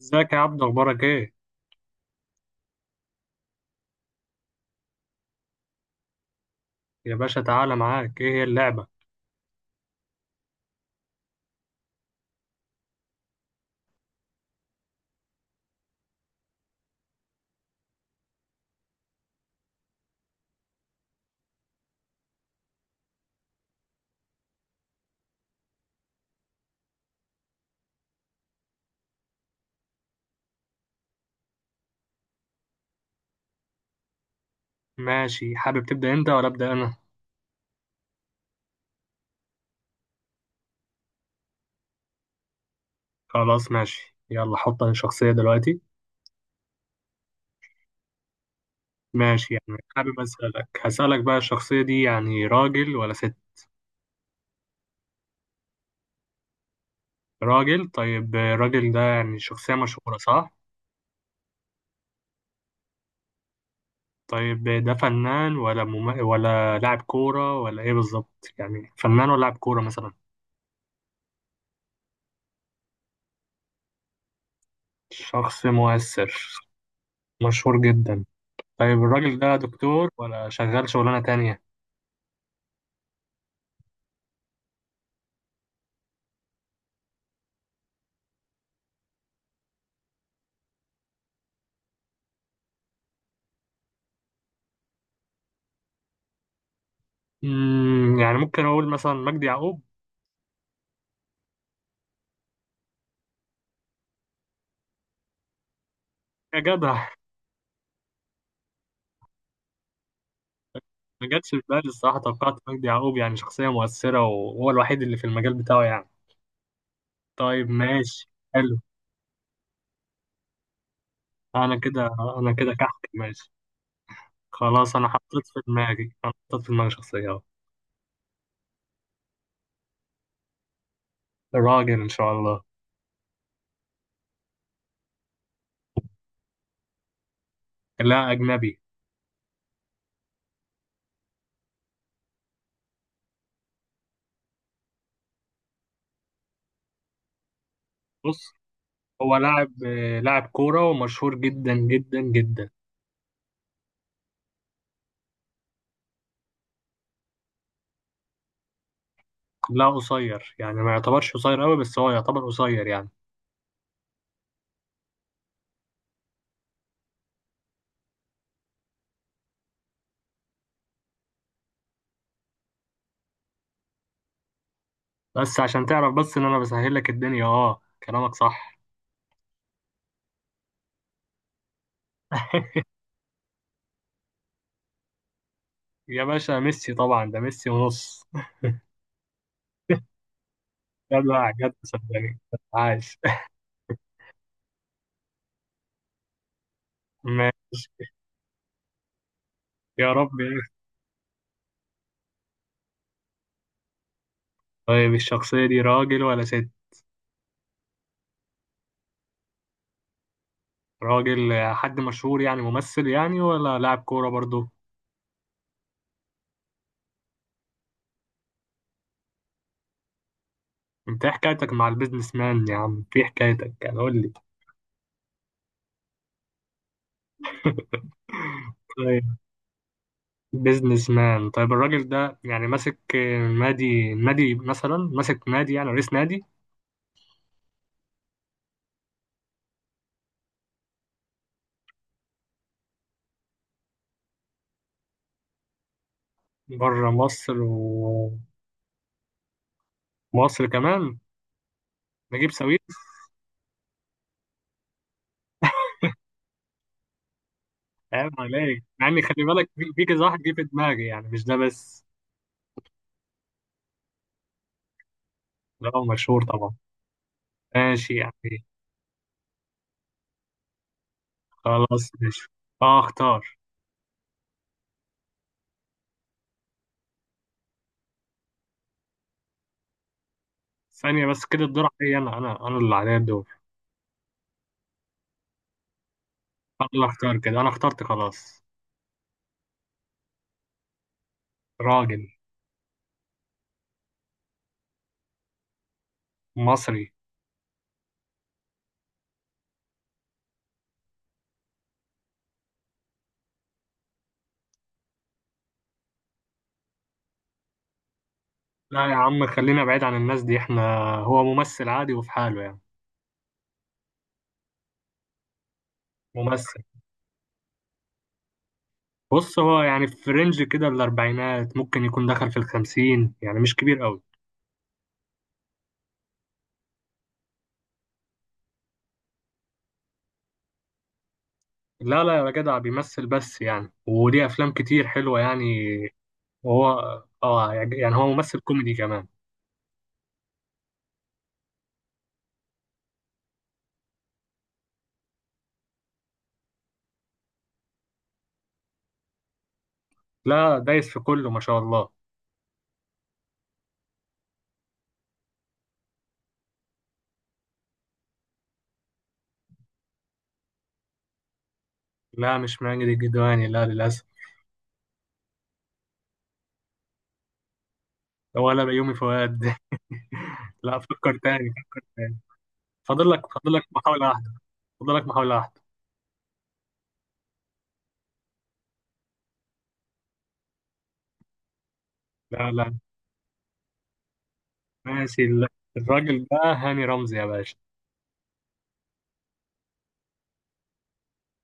ازيك يا عبدو، اخبارك ايه؟ يا باشا تعالى، معاك ايه هي اللعبة؟ ماشي، حابب تبدأ انت ولا ابدأ انا؟ خلاص ماشي، يلا حط الشخصية دلوقتي. ماشي، يعني حابب اسألك هسألك بقى، الشخصية دي يعني راجل ولا ست؟ راجل، طيب الراجل ده يعني شخصية مشهورة صح؟ طيب، ده فنان ولا ولا لاعب كورة ولا ايه بالظبط؟ يعني فنان ولا لاعب كورة مثلا؟ شخص مؤثر. مشهور جدا. طيب الراجل ده دكتور ولا شغال شغلانة تانية؟ يعني ممكن أقول مثلا مجدي يعقوب. يا جدع، ما جاتش في بالي الصراحة، توقعت مجدي يعقوب، يعني شخصية مؤثرة وهو الوحيد اللي في المجال بتاعه يعني. طيب ماشي، حلو. أنا كده. أنا كده كحك، ماشي. خلاص، أنا حطيت في دماغي شخصية أهو. راجل إن شاء الله. لا، أجنبي. بص، هو لاعب، لاعب كورة ومشهور جدا جدا جدا. لا قصير، يعني ما يعتبرش قصير أوي بس هو يعتبر قصير يعني. بس عشان تعرف بس إن أنا بسهل لك الدنيا، أه كلامك صح. يا باشا ميسي، طبعا ده ميسي ونص. جدع جدع صدقني. عاش. ماشي. يا رب. طيب الشخصية دي راجل ولا ست؟ راجل، حد مشهور يعني ممثل، يعني ولا لاعب كورة برضو؟ انت ايه حكايتك مع البيزنس مان يا عم؟ ايه حكايتك؟ يعني قول لي. طيب. بيزنس مان، طيب الراجل ده يعني ماسك نادي مثلا، ماسك نادي يعني رئيس نادي؟ بره مصر. ومصر كمان. نجيب ساوية. عيب عليك، مع اني خلي بالك في كذا واحد جه في دماغي، يعني مش ده بس. ده هو مشهور طبعا. ماشي يعني. خلاص ماشي. اه اختار. ثانية بس، كده الدور عليا، انا اللي عليا الدور. انا اللي اختار، كده انا اخترت خلاص. راجل. مصري. لا يا عم، خلينا بعيد عن الناس دي احنا. هو ممثل عادي وفي حاله يعني. ممثل. بص، هو يعني في رينج كده الاربعينات، ممكن يكون دخل في الخمسين، يعني مش كبير قوي. لا لا يا جدع، بيمثل بس، يعني وليه افلام كتير حلوه يعني. هو. اه، يعني هو ممثل كوميدي كمان. لا، دايس في كله ما شاء الله. لا مش ماجد الكدواني، لا للأسف. ولا بيومي فؤاد. لا، فكر تاني، فكر تاني. فاضل لك محاولة واحدة. فاضل لك محاولة واحدة. لا لا. ماشي الراجل ده هاني رمزي يا باشا.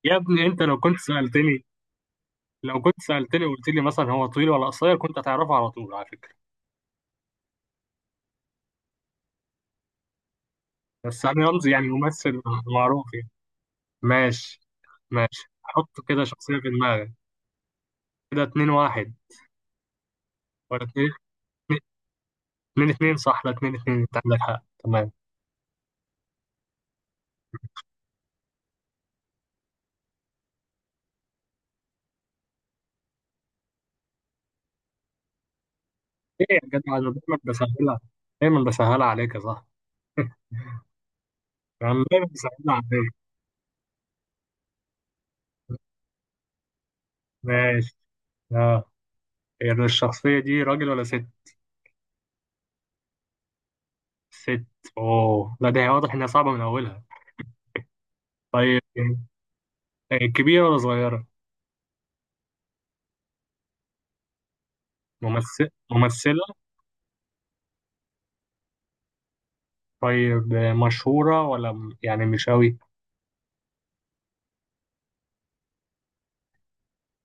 يا ابني انت، لو كنت سألتني. لو كنت سألتني وقلت لي مثلا هو طويل ولا قصير، كنت هتعرفه على طول على فكرة. بس هاني رمزي يعني ممثل معروف يعني. ماشي. ماشي، حط كده شخصية في دماغك. كده اتنين واحد، ولا 2-2؟ اتنين اتنين صح، لا اتنين اتنين انت عندك حق، تمام. ايه يا جدع، انا دايما بسهلها. دايما بسهلها عليك يا صاحبي. يا عم دايما بسهلها عليك. ماشي. اه، يعني الشخصية دي راجل ولا ست؟ ست. اوه، لا ده هي واضح انها صعبة من اولها. طيب كبيرة ولا صغيرة؟ ممثلة. طيب مشهورة ولا يعني مش قوي؟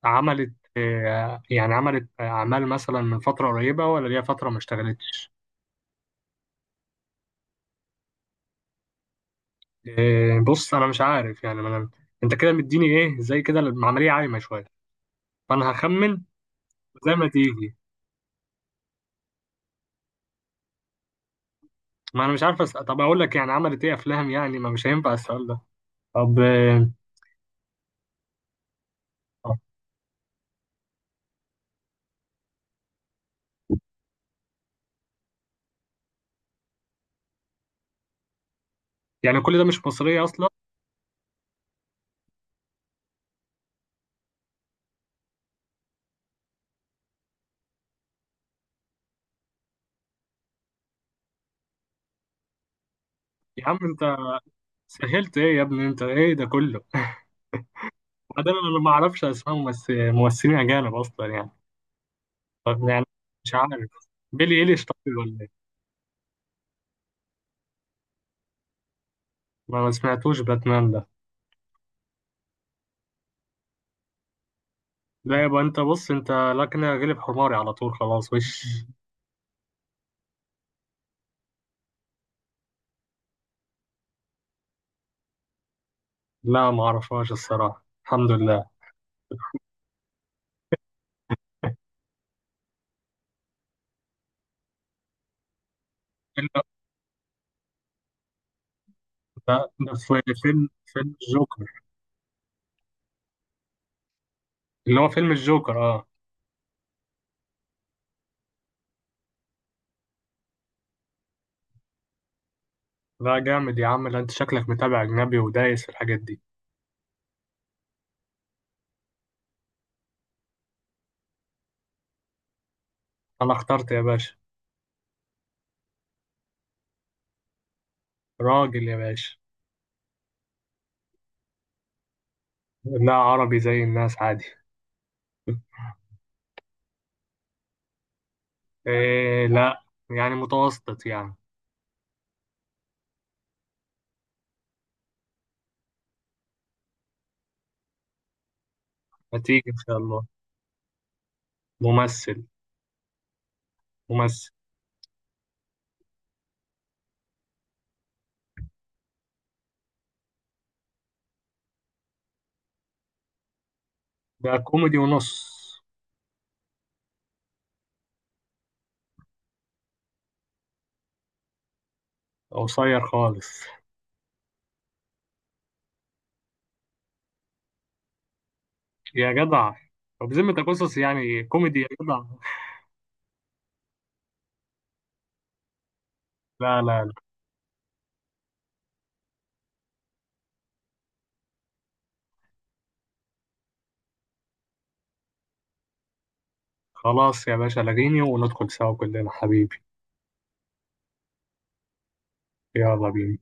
عملت يعني عملت أعمال مثلا من فترة قريبة ولا ليها فترة ما اشتغلتش؟ بص انا مش عارف يعني، ما انا انت كده مديني ايه زي كده، العمليه عايمه شويه، فانا هخمن. زي ما تيجي. ما انا مش عارف طب اقول لك يعني عملت ايه افلام، يعني ما مش هينفع السؤال ده. طب يعني كل ده مش مصريه اصلا. يا عم انت، سهلت ايه يا ابني؟ انت ايه ده كله؟ بعدين انا ما اعرفش اسماء ممثلين اجانب اصلا يعني. طب يعني، مش عارف، بيلي ايليش طيب ولا ايه؟ ما سمعتوش باتمان ده. لا يبقى انت، بص انت، لا كده غلب حماري على طول خلاص، وش. لا ما اعرفهاش الصراحة الحمد لله. إلا. ده في فيلم الجوكر. اللي هو فيلم الجوكر اه. لا جامد يا عم، لا انت شكلك متابع اجنبي ودايس في الحاجات دي. انا اخترت يا باشا. راجل يا باشا. لا عربي، زي الناس عادي. إيه لا، يعني متوسط يعني. هتيجي ان شاء الله. ممثل. ممثل. ده كوميدي ونص. قصير خالص. يا جدع، طب بذمتك قصص يعني كوميدي يا جدع؟ لا لا. خلاص يا باشا، لغيني وندخل سوا كلنا حبيبي. يلا بينا.